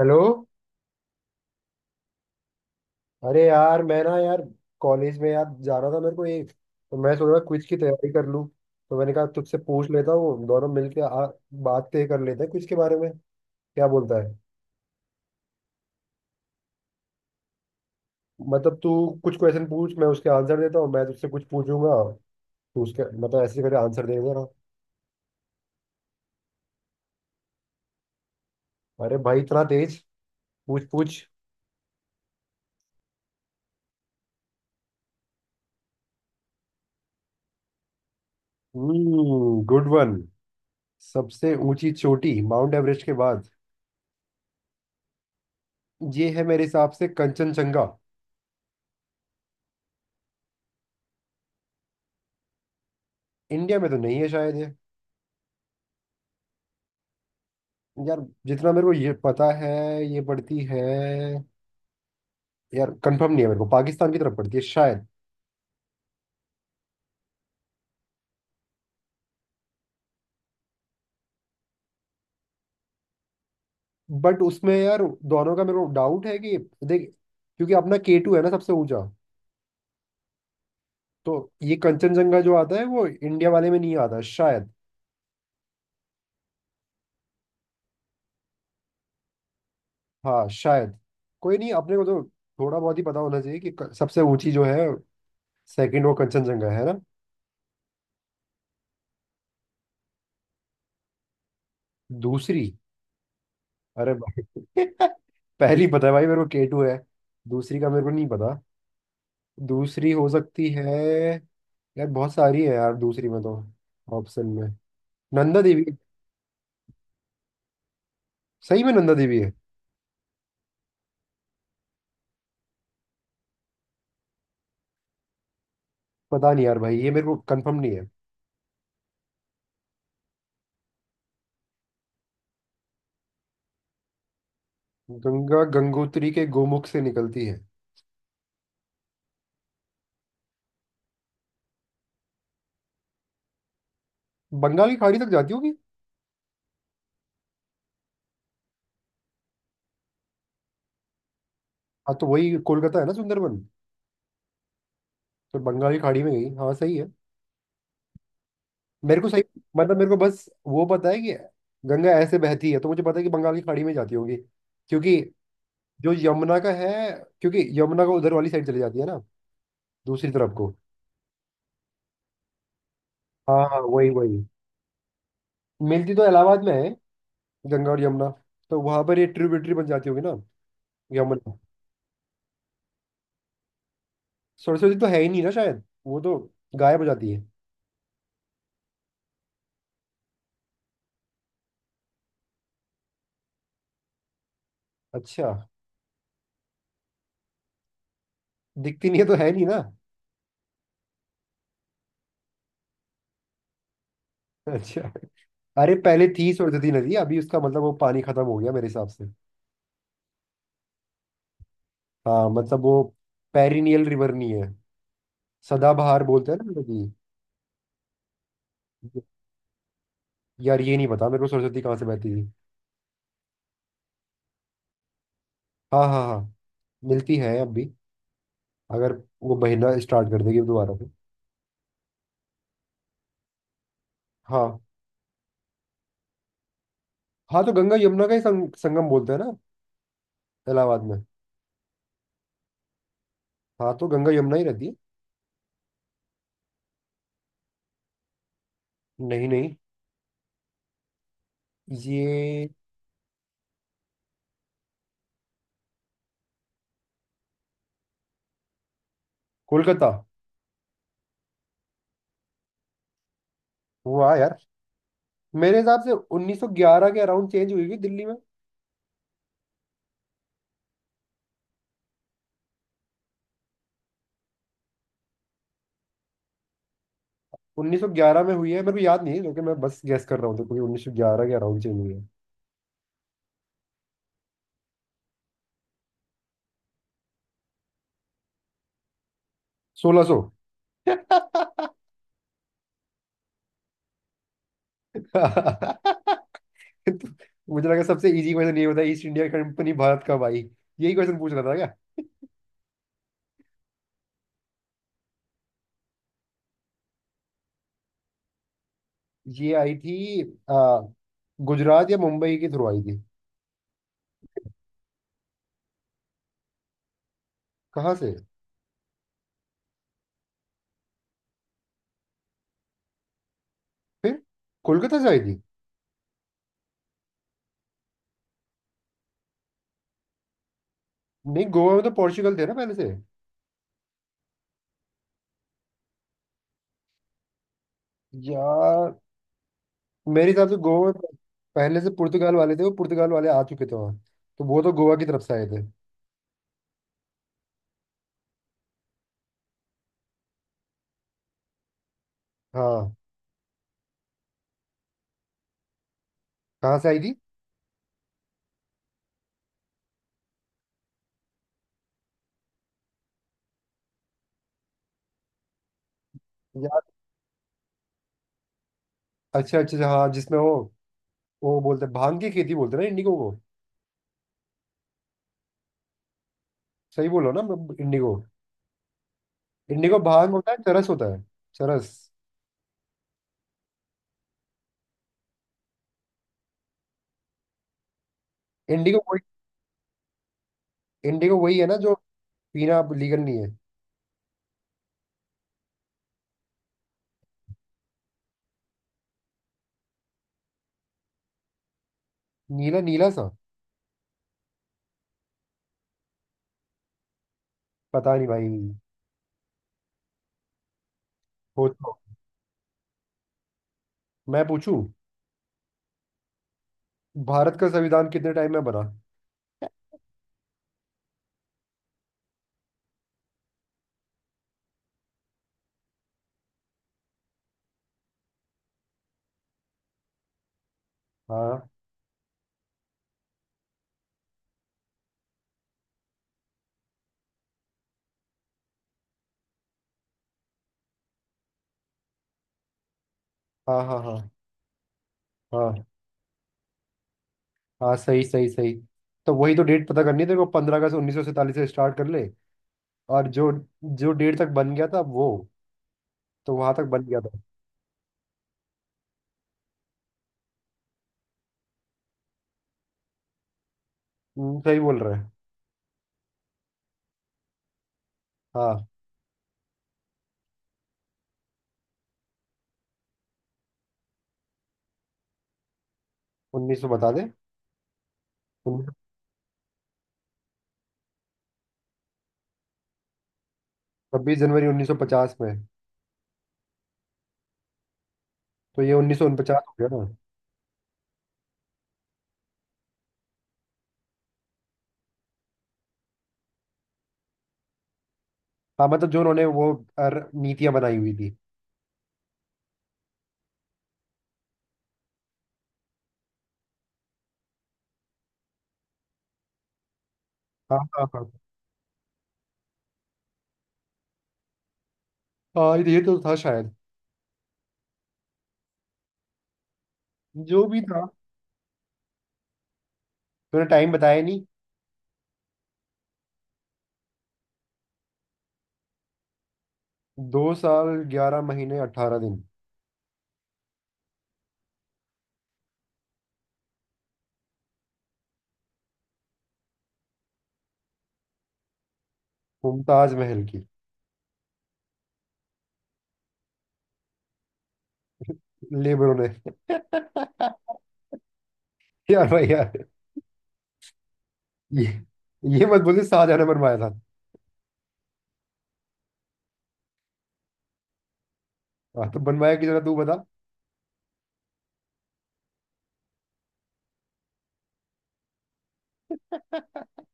Hello. अरे यार, मैं ना यार कॉलेज में यार जा रहा था। मेरे को एक, तो मैं सोच रहा क्विज की तैयारी कर लूँ। तो मैंने कहा तुझसे पूछ लेता हूँ दोनों मिलके आ, बात तय कर लेते हैं क्विज के बारे में। क्या बोलता है? मतलब, तू कुछ क्वेश्चन पूछ, मैं उसके आंसर देता हूँ। मैं तुझसे कुछ पूछूंगा, तू उसके मतलब ऐसे करके आंसर दे देना। अरे भाई, इतना तेज! पूछ पूछ। Hmm, good one. सबसे ऊंची चोटी माउंट एवरेस्ट के बाद, ये है मेरे हिसाब से कंचनजंगा। इंडिया में तो नहीं है शायद ये। यार, जितना मेरे को ये पता है, ये पड़ती है, यार कंफर्म नहीं है मेरे को, पाकिस्तान की तरफ पड़ती है शायद। बट उसमें यार, दोनों का मेरे को डाउट है कि देख, क्योंकि अपना के टू है ना सबसे ऊंचा। तो ये कंचनजंगा जो आता है वो इंडिया वाले में नहीं आता शायद। हाँ शायद। कोई नहीं, अपने को तो थोड़ा बहुत ही पता होना चाहिए कि सबसे ऊंची जो है सेकंड वो कंचनजंगा है ना। दूसरी? अरे भाई पहली पता है भाई, मेरे को के टू है। दूसरी का मेरे को नहीं पता, दूसरी हो सकती है, यार बहुत सारी है यार दूसरी में तो, ऑप्शन में नंदा देवी। सही में नंदा देवी है? पता नहीं यार भाई, ये मेरे को कंफर्म नहीं है। गंगा गंगोत्री के गोमुख से निकलती है। बंगाल की खाड़ी तक जाती होगी। हाँ तो वही कोलकाता है ना, सुंदरबन। तो बंगाल की खाड़ी में गई, हाँ सही है मेरे को, सही। मतलब मेरे को बस वो पता है कि गंगा ऐसे बहती है, तो मुझे पता है कि बंगाल की खाड़ी में जाती होगी, क्योंकि जो यमुना का है, क्योंकि यमुना का उधर वाली साइड चली जाती है ना, दूसरी तरफ को। हाँ हाँ, वही वही। मिलती तो इलाहाबाद में है, गंगा और यमुना। तो वहां पर ये ट्रिब्यूटरी बन जाती होगी ना, यमुना। सरस्वती तो है ही नहीं ना शायद, वो तो गायब हो जाती है। अच्छा। दिखती नहीं है तो है नहीं ना। अच्छा। अरे पहले थी सरस्वती नदी, अभी उसका मतलब वो पानी खत्म हो गया मेरे हिसाब से। हाँ, मतलब वो पेरिनियल रिवर नहीं है, सदाबहार बोलते हैं ना नदी। यार ये नहीं पता मेरे को सरस्वती कहाँ से बहती थी। हाँ हाँ हाँ। मिलती है अब भी अगर वो बहना स्टार्ट कर देगी दोबारा से। हाँ। हाँ तो गंगा यमुना का ही संगम बोलते हैं ना, इलाहाबाद में। हाँ तो गंगा यमुना ही रहती है। नहीं नहीं। ये कोलकाता हुआ यार, मेरे हिसाब से 1911 के अराउंड चेंज हुई हुई दिल्ली में। 1911 में हुई है मेरे को याद नहीं है, क्योंकि मैं बस गैस कर रहा हूँ, क्योंकि 1911 के अराउंड चेंज हुई है। 1600। मुझे लगा सबसे इजी क्वेश्चन ये होता है, ईस्ट इंडिया कंपनी भारत कब आई। यही क्वेश्चन पूछ रहा था क्या? ये आई थी, आ, गुजरात या मुंबई के थ्रू आई थी। कहाँ से? फिर कोलकाता से आई थी? नहीं, गोवा में तो पोर्चुगल थे ना पहले से। यार मेरे हिसाब से गोवा में पहले से पुर्तगाल वाले थे, वो पुर्तगाल वाले आ चुके थे वहाँ, तो वो तो गोवा की तरफ से आए थे। हाँ। कहाँ से आई थी यार? अच्छा अच्छा अच्छा, हाँ, जिसमें वो बोलते हैं, भांग की खेती बोलते हैं ना इंडिगो को। सही बोलो ना, इंडिगो इंडिगो भांग होता है, चरस होता है। चरस। इंडिगो वही। इंडिगो वही है ना जो पीना लीगल नहीं है। नीला नीला सा। पता नहीं भाई। हो तो। मैं पूछूं? भारत का संविधान कितने टाइम में बना? हाँ, हाँ हाँ हाँ हाँ। हाँ सही सही सही। तो वही तो डेट पता करनी है तेरे को, 15 अगस्त 1947 से स्टार्ट कर ले। और जो जो डेट तक बन गया था वो, तो वहां तक बन गया था। सही बोल रहा है। हाँ। 1900 बता दे। 26 जनवरी 1950 में। तो ये 1949 हो गया ना। हाँ, मतलब जो उन्होंने वो नीतियां बनाई हुई थी। हाँ हाँ हाँ हाँ, ये तो था शायद, जो भी था। तूने टाइम बताया नहीं। 2 साल 11 महीने 18 दिन। मुमताज महल की। लेबरों ने यार भाई यार, ये ये मत बोले शाहजहां ने बनवाया था। हाँ तो बनवाया की जरा तू बता।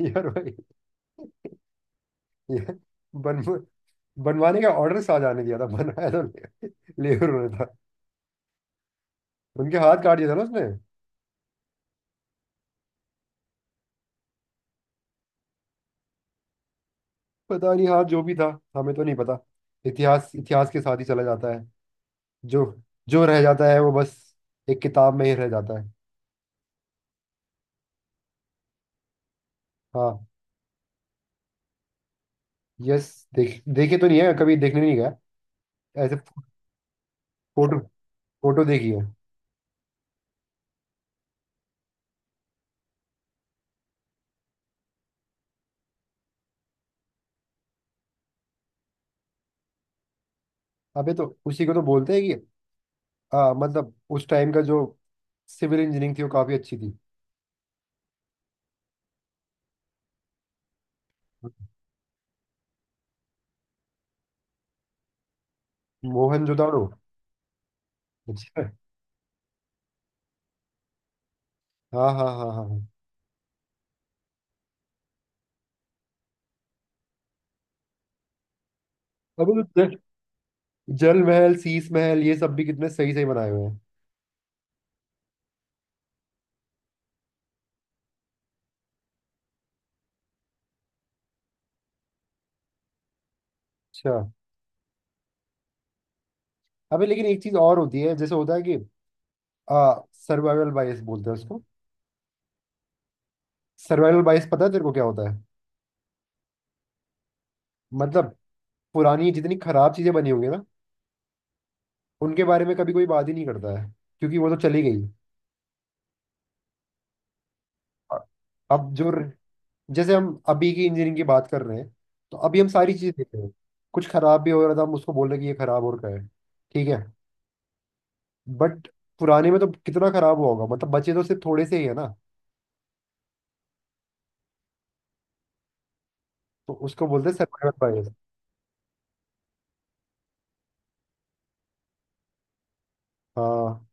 यार भाई, ये बन बनवाने का ऑर्डर शाहजहां ने दिया था, बनवाया तो लेबर ने था। उनके हाथ काट दिया था ना उसने। पता नहीं, हाथ जो भी था, हमें तो नहीं पता। इतिहास इतिहास के साथ ही चला जाता है, जो जो रह जाता है वो बस एक किताब में ही रह जाता है। हाँ। यस। देखे तो नहीं है, कभी देखने नहीं गया ऐसे। फोटो, फोटो देखी है। अबे तो उसी को तो बोलते हैं कि मतलब उस टाइम का जो सिविल इंजीनियरिंग थी वो काफी अच्छी थी। मोहनजोदाड़ो। अच्छा। हाँ हाँ हाँ हाँ हाँ। अबे तो जल जल महल, शीश महल, ये सब भी कितने सही सही बनाए हुए हैं। अच्छा। अबे लेकिन एक चीज और होती है, जैसे होता है कि आ, सर्वाइवल बायस बोलते हैं उसको। सर्वाइवल बायस पता है तेरे को क्या होता है? मतलब पुरानी जितनी खराब चीजें बनी होंगी ना, उनके बारे में कभी कोई बात ही नहीं करता है, क्योंकि वो तो चली गई। अ- अब जो, जैसे हम अभी की इंजीनियरिंग की बात कर रहे हैं, तो अभी हम सारी चीज़ें देख रहे हैं। कुछ खराब भी हो रहा था हम उसको बोल रहे कि ये खराब हो रखा है, ठीक है। बट पुराने में तो कितना खराब हुआ होगा, मतलब बचे तो सिर्फ थोड़े से ही है ना। तो उसको बोलते हैं सर्वाइवल बायस। हाँ।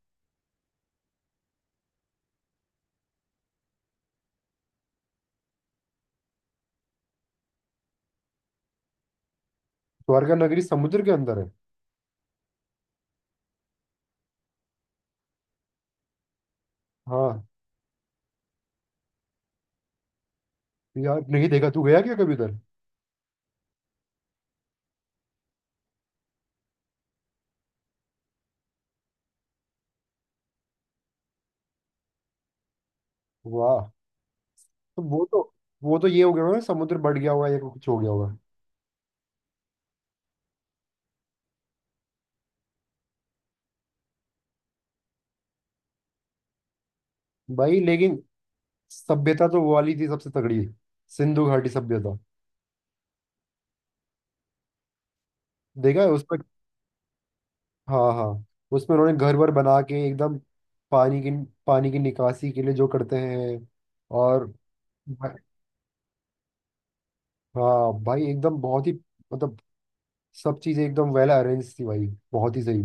द्वारका नगरी समुद्र के अंदर है। हाँ। यार नहीं देखा। तू गया क्या कभी उधर? वाह। तो वो तो ये हो गया होगा ना, समुद्र बढ़ गया होगा या कुछ हो गया होगा। भाई लेकिन सभ्यता तो वो वाली थी सबसे तगड़ी, सिंधु घाटी सभ्यता। देखा है उस पर? हाँ हाँ। उसमें उन्होंने घर वर बना के एकदम पानी की पानी की निकासी के लिए जो करते हैं, और भाई- हाँ भाई, एकदम बहुत ही मतलब, सब चीजें एकदम वेल अरेंज थी भाई, बहुत ही सही।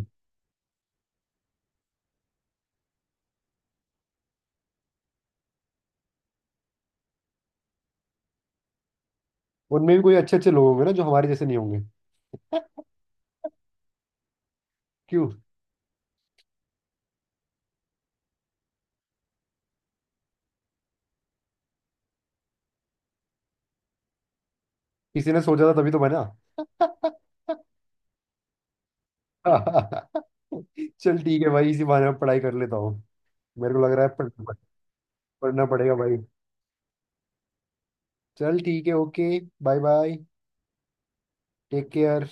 उनमें भी कोई अच्छे अच्छे लोग होंगे ना, जो हमारे जैसे नहीं होंगे। क्यों? किसी ने सोचा था तभी तो बना। चल ठीक है भाई, इसी बहाने में पढ़ाई कर लेता हूँ, मेरे को लग रहा है पढ़ना पड़ेगा भाई। चल ठीक है, okay. Bye bye. Take care.